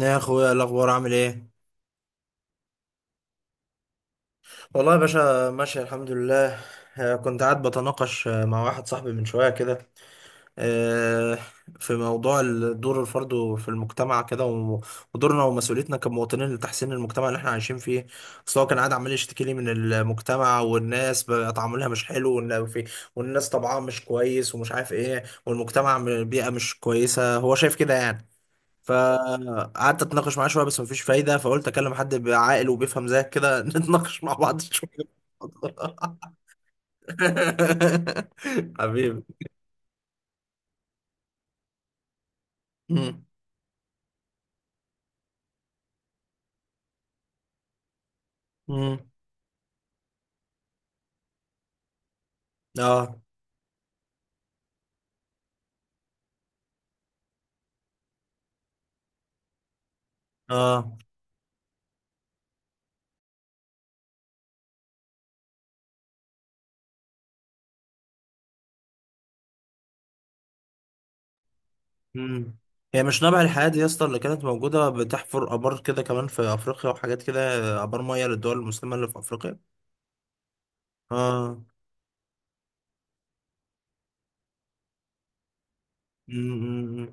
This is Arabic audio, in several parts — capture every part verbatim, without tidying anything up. يا اخويا الاخبار عامل ايه؟ والله يا باشا ماشي الحمد لله. آه، كنت قاعد بتناقش آه، مع واحد صاحبي من شويه كده. آه، في موضوع ال- دور الفرد في المجتمع كده و- ودورنا ومسؤوليتنا كمواطنين لتحسين المجتمع اللي احنا عايشين فيه. اصل هو كان قاعد عمال يشتكي لي من المجتمع، والناس بقى تعاملها مش حلو، وإن في- والناس طبعها مش كويس ومش عارف ايه، والمجتمع م- بيئه مش كويسه هو شايف كده يعني. فقعدت اتناقش معاه شويه بس مفيش فايده، فقلت اكلم حد عاقل وبيفهم زيك كده نتناقش مع بعض شويه. حبيبي. مم. مم. اه اه. مم. هي مش نبع الحياة دي يا اسطى اللي كانت موجودة بتحفر آبار كده كمان في أفريقيا وحاجات كده؟ آبار مية للدول المسلمة اللي في أفريقيا. اه. مم. مم. مم.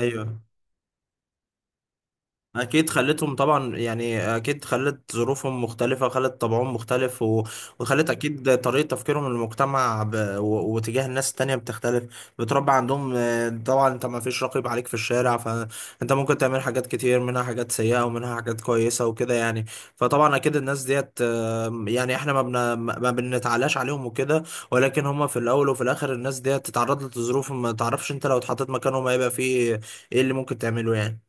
أيوه. اكيد خلتهم طبعا يعني، اكيد خلت ظروفهم مختلفه، خلت طبعهم مختلف و... وخلت اكيد طريقه تفكيرهم للمجتمع ب... و... وتجاه الناس التانية بتختلف. بتربى عندهم آه، طبعا، انت ما فيش رقيب عليك في الشارع، فانت ممكن تعمل حاجات كتير، منها حاجات سيئه ومنها حاجات كويسه وكده يعني. فطبعا اكيد الناس ديت آه، يعني احنا ما بن... ما بنتعلاش عليهم وكده، ولكن هم في الاول وفي الاخر الناس ديت اتعرضت لظروف ما تعرفش انت لو اتحطيت مكانهم هيبقى فيه ايه اللي ممكن تعمله يعني.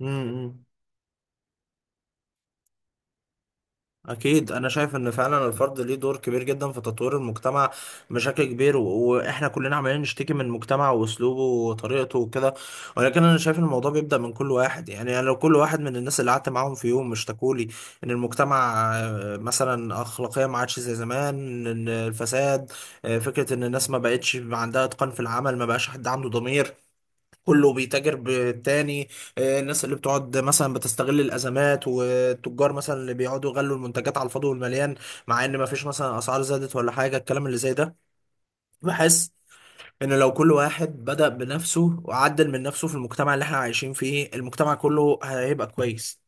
امم. أكيد أنا شايف إن فعلا الفرد ليه دور كبير جدا في تطوير المجتمع بشكل كبير و- وإحنا كلنا عمالين نشتكي من المجتمع وأسلوبه وطريقته وكده، ولكن أنا شايف إن الموضوع بيبدأ من كل واحد. يعني أنا، لو كل واحد من الناس اللي قعدت معاهم في يوم اشتكولي إن المجتمع آه، مثلا أخلاقية ما عادش زي زمان، إن الفساد آه، فكرة إن الناس ما بقتش عندها إتقان في العمل، ما بقاش حد عنده ضمير، كله بيتاجر بالتاني. آه، الناس اللي بتقعد مثلا بتستغل الازمات، والتجار مثلا اللي بيقعدوا يغلوا المنتجات على الفاضي والمليان، مع ان ما فيش مثلا اسعار زادت ولا حاجه الكلام اللي زي ده. بحس ان لو كل واحد بدأ بنفسه وعدل من نفسه في المجتمع اللي احنا عايشين فيه، المجتمع كله هيبقى كويس.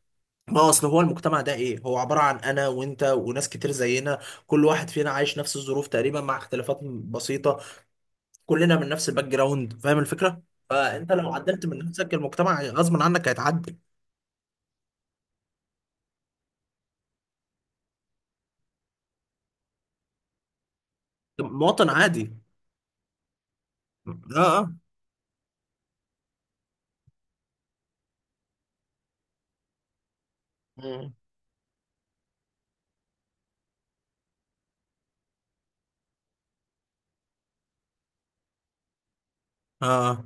ما هو اصل هو المجتمع ده ايه؟ هو عبارة عن انا وانت وناس كتير زينا، كل واحد فينا عايش نفس الظروف تقريبا مع اختلافات بسيطة، كلنا من نفس الباك جراوند، فاهم الفكره؟ فانت لو عدلت من نفسك المجتمع غصب عنك هيتعدل. مواطن عادي. اه اه. مم. اه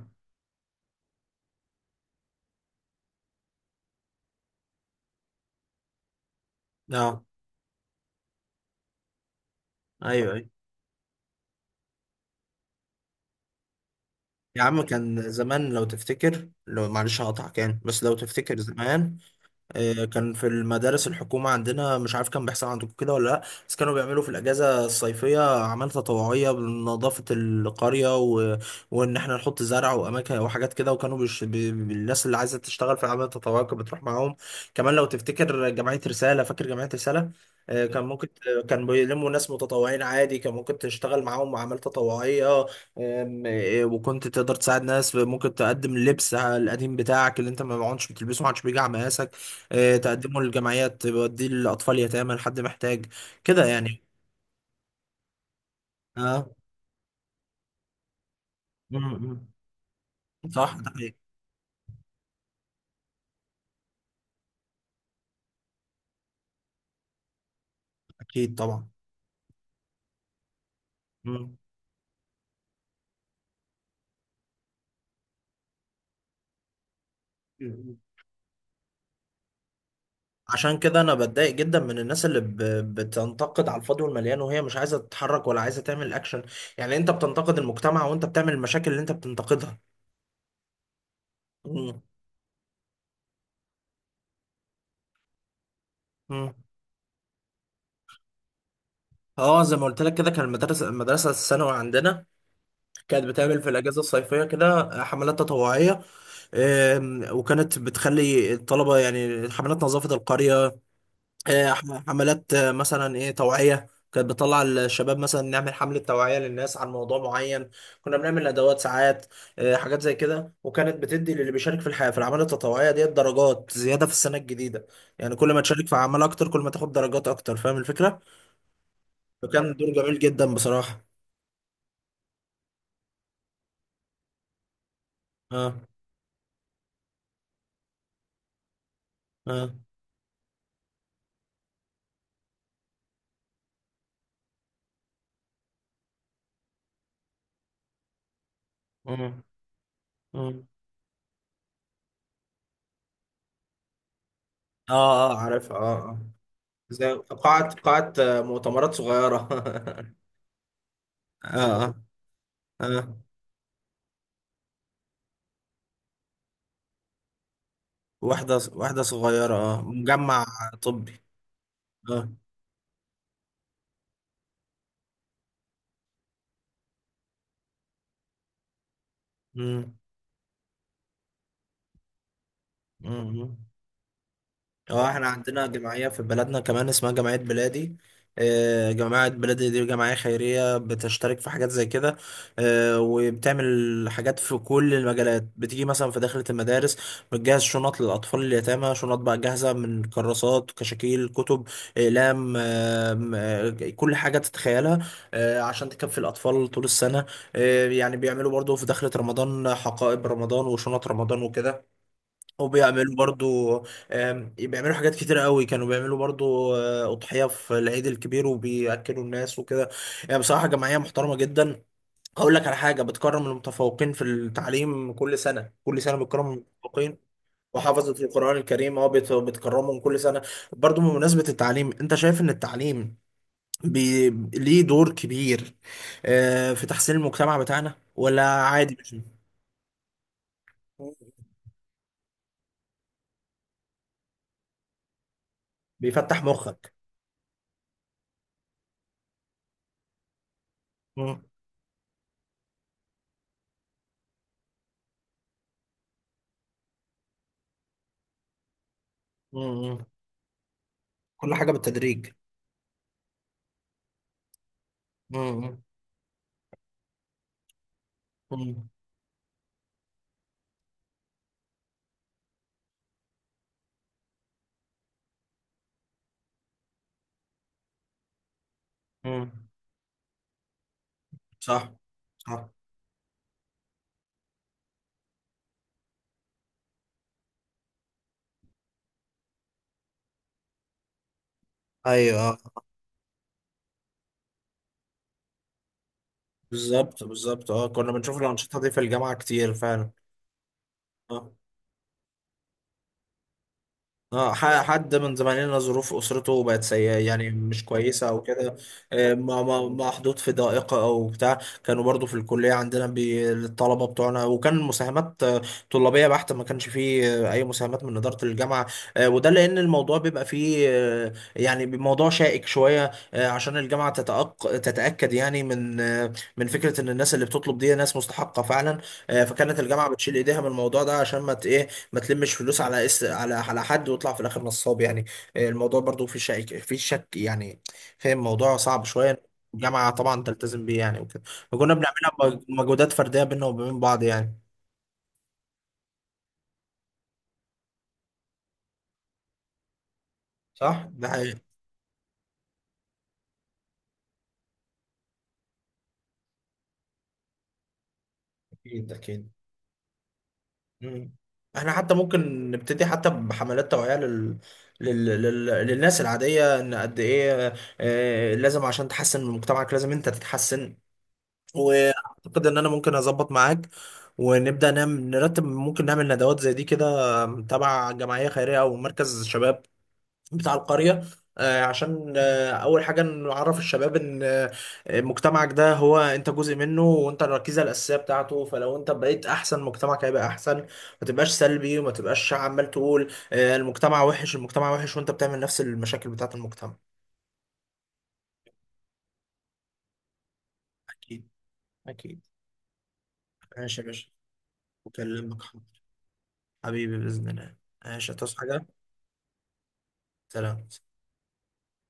اه. ايوه ايوه. يا عم كان زمان لو تفتكر، لو معلش هقطعك يعني، بس لو تفتكر زمان آه، كان في المدارس الحكومة عندنا، مش عارف كان بيحصل عندكم كده ولا لأ؟ بس كانوا بيعملوا في الأجازة الصيفية أعمال تطوعية بنظافة القرية و... وإن إحنا نحط زرع وأماكن وحاجات كده، وكانوا بش... ب... ب- الناس اللي عايزة تشتغل في الأعمال التطوعية كانت بتروح معاهم. كمان لو تفتكر جمعية رسالة، فاكر جمعية رسالة؟ آه، كان ممكن، كان بيلموا ناس متطوعين عادي، كان ممكن تشتغل معاهم أعمال تطوعية. أم، إيه، وكنت تقدر تساعد ناس، ممكن تقدم اللبس القديم بتاعك اللي انت ما عدتش بتلبسه، ما عادش بيجي على مقاسك، آه، تقدمه للجمعيات بيوديه لأطفال يتامى لحد محتاج كده يعني. اه. مم، مم. صح ده حقيقي. أكيد طبعا. مم. مم. عشان كده أنا بتضايق جدا من الناس اللي ب... بتنتقد على الفاضي والمليان وهي مش عايزة تتحرك ولا عايزة تعمل أكشن. يعني أنت بتنتقد المجتمع وأنت بتعمل المشاكل اللي أنت بتنتقدها. مم. مم. اه، زي ما قلت لك كده، كان المدرسة، المدرسة الثانوي عندنا كانت بتعمل في الأجازة الصيفية كده حملات تطوعية. آم، وكانت بتخلي الطلبة، يعني حملات نظافة القرية، آه، ح- حملات آه، مثلا ايه توعية، كانت بتطلع الشباب مثلا نعمل حملة توعية للناس عن موضوع معين. كنا بنعمل ندوات ساعات، آه، حاجات زي كده، وكانت بتدي للي بيشارك في الحياة في الأعمال التطوعية ديت درجات زيادة في السنة الجديدة. يعني كل ما تشارك في أعمال أكتر كل ما تاخد درجات أكتر، فاهم الفكرة؟ فكان دور جميل جدا بصراحة. اه اه اه اه. اه عارف. اه آه. زي قاعة، قاعة مؤتمرات صغيرة. اه اه اه. واحدة، واحدة صغيرة. اه، مجمع طبي. اه. مم. مم. اه، احنا عندنا جمعية في بلدنا كمان اسمها جمعية بلادي. آه، جماعة بلادي دي جمعية خيرية بتشترك في حاجات زي كده. آه، وبتعمل حاجات في كل المجالات. بتيجي مثلا في داخلة المدارس، بتجهز شنط للأطفال اليتامى، شنط بقى جاهزة من كراسات، كشاكيل، كتب، أقلام، آم، آه، كل حاجة تتخيلها آه، عشان تكفي الأطفال طول السنة. آه، يعني بيعملوا برضو في داخلة رمضان حقائب رمضان وشنط رمضان وكده، وبيعملوا برضو آم، بيعملوا حاجات كتير قوي. كانوا بيعملوا برضو آه، أضحية في العيد الكبير وبيأكلوا الناس وكده. يعني بصراحة جمعية محترمة جدا. هقول لك على حاجة: بتكرم المتفوقين في التعليم كل سنة. كل سنة بتكرم المتفوقين وحافظة القرآن الكريم. اه، بت- بتكرمهم كل سنة. برضو بمناسبة التعليم، انت شايف ان التعليم بي... ليه دور كبير آه، في تحسين المجتمع بتاعنا ولا عادي مش بيفتح مخك؟ مم. مم. كل حاجة بالتدريج. امم. امم. امم. صح صح. ايوه آه. بالظبط بالظبط. اه كنا بنشوف الأنشطة دي في الجامعة كتير فعلا. اه اه. ح- حد من زمايلنا ظروف اسرته بقت سيئه يعني، مش كويسه او كده، آه، ما- ما- محطوط في ضائقه او بتاع. كانوا برضو في الكليه عندنا بي- الطلبه بتوعنا، وكان مساهمات آه، طلابيه بحته، ما كانش فيه آه، اي مساهمات من اداره الجامعه. آه، وده لان الموضوع بيبقى فيه آه، يعني موضوع شائك شويه، آه، عشان الجامعه تتأق- تتاكد يعني من آه، من فكره ان الناس اللي بتطلب دي ناس مستحقه فعلا. آه، فكانت الجامعه بتشيل ايديها من الموضوع ده عشان ما ت- ايه ما تلمش فلوس على اس على على حد ويطلع في الاخر نصاب يعني. آه، الموضوع برضو في شك، في شك يعني. فاهم؟ الموضوع صعب شويه. الجامعه طبعا تلتزم بيه يعني وكده. وكنا بنعملها بمجهودات فرديه بينا وبين بعض يعني. صح ده حقيقي. اكيد اكيد. مم. احنا حتى ممكن نبتدي حتى بحملات توعيه لل... لل... لل... للناس العاديه، ان قد ايه آه، لازم عشان تحسن من مجتمعك لازم انت تتحسن. واعتقد ان انا ممكن اظبط معاك ونبدا نعمل، نرتب، ممكن نعمل ندوات زي دي كده تبع جمعيه خيريه او مركز شباب بتاع القريه، آه، عشان آه، اول حاجه نعرف الشباب ان آه، مجتمعك ده هو انت جزء منه وانت الركيزه الاساسيه بتاعته. فلو انت بقيت احسن مجتمعك هيبقى احسن. ما تبقاش سلبي وما تبقاش عمال تقول آه، المجتمع وحش، المجتمع وحش، وانت بتعمل نفس المشاكل بتاعت المجتمع. اكيد اكيد. ماشي يا باشا. اكلمك حبيبي بإذن الله. ماشي، هتصحى حاجة. سلام.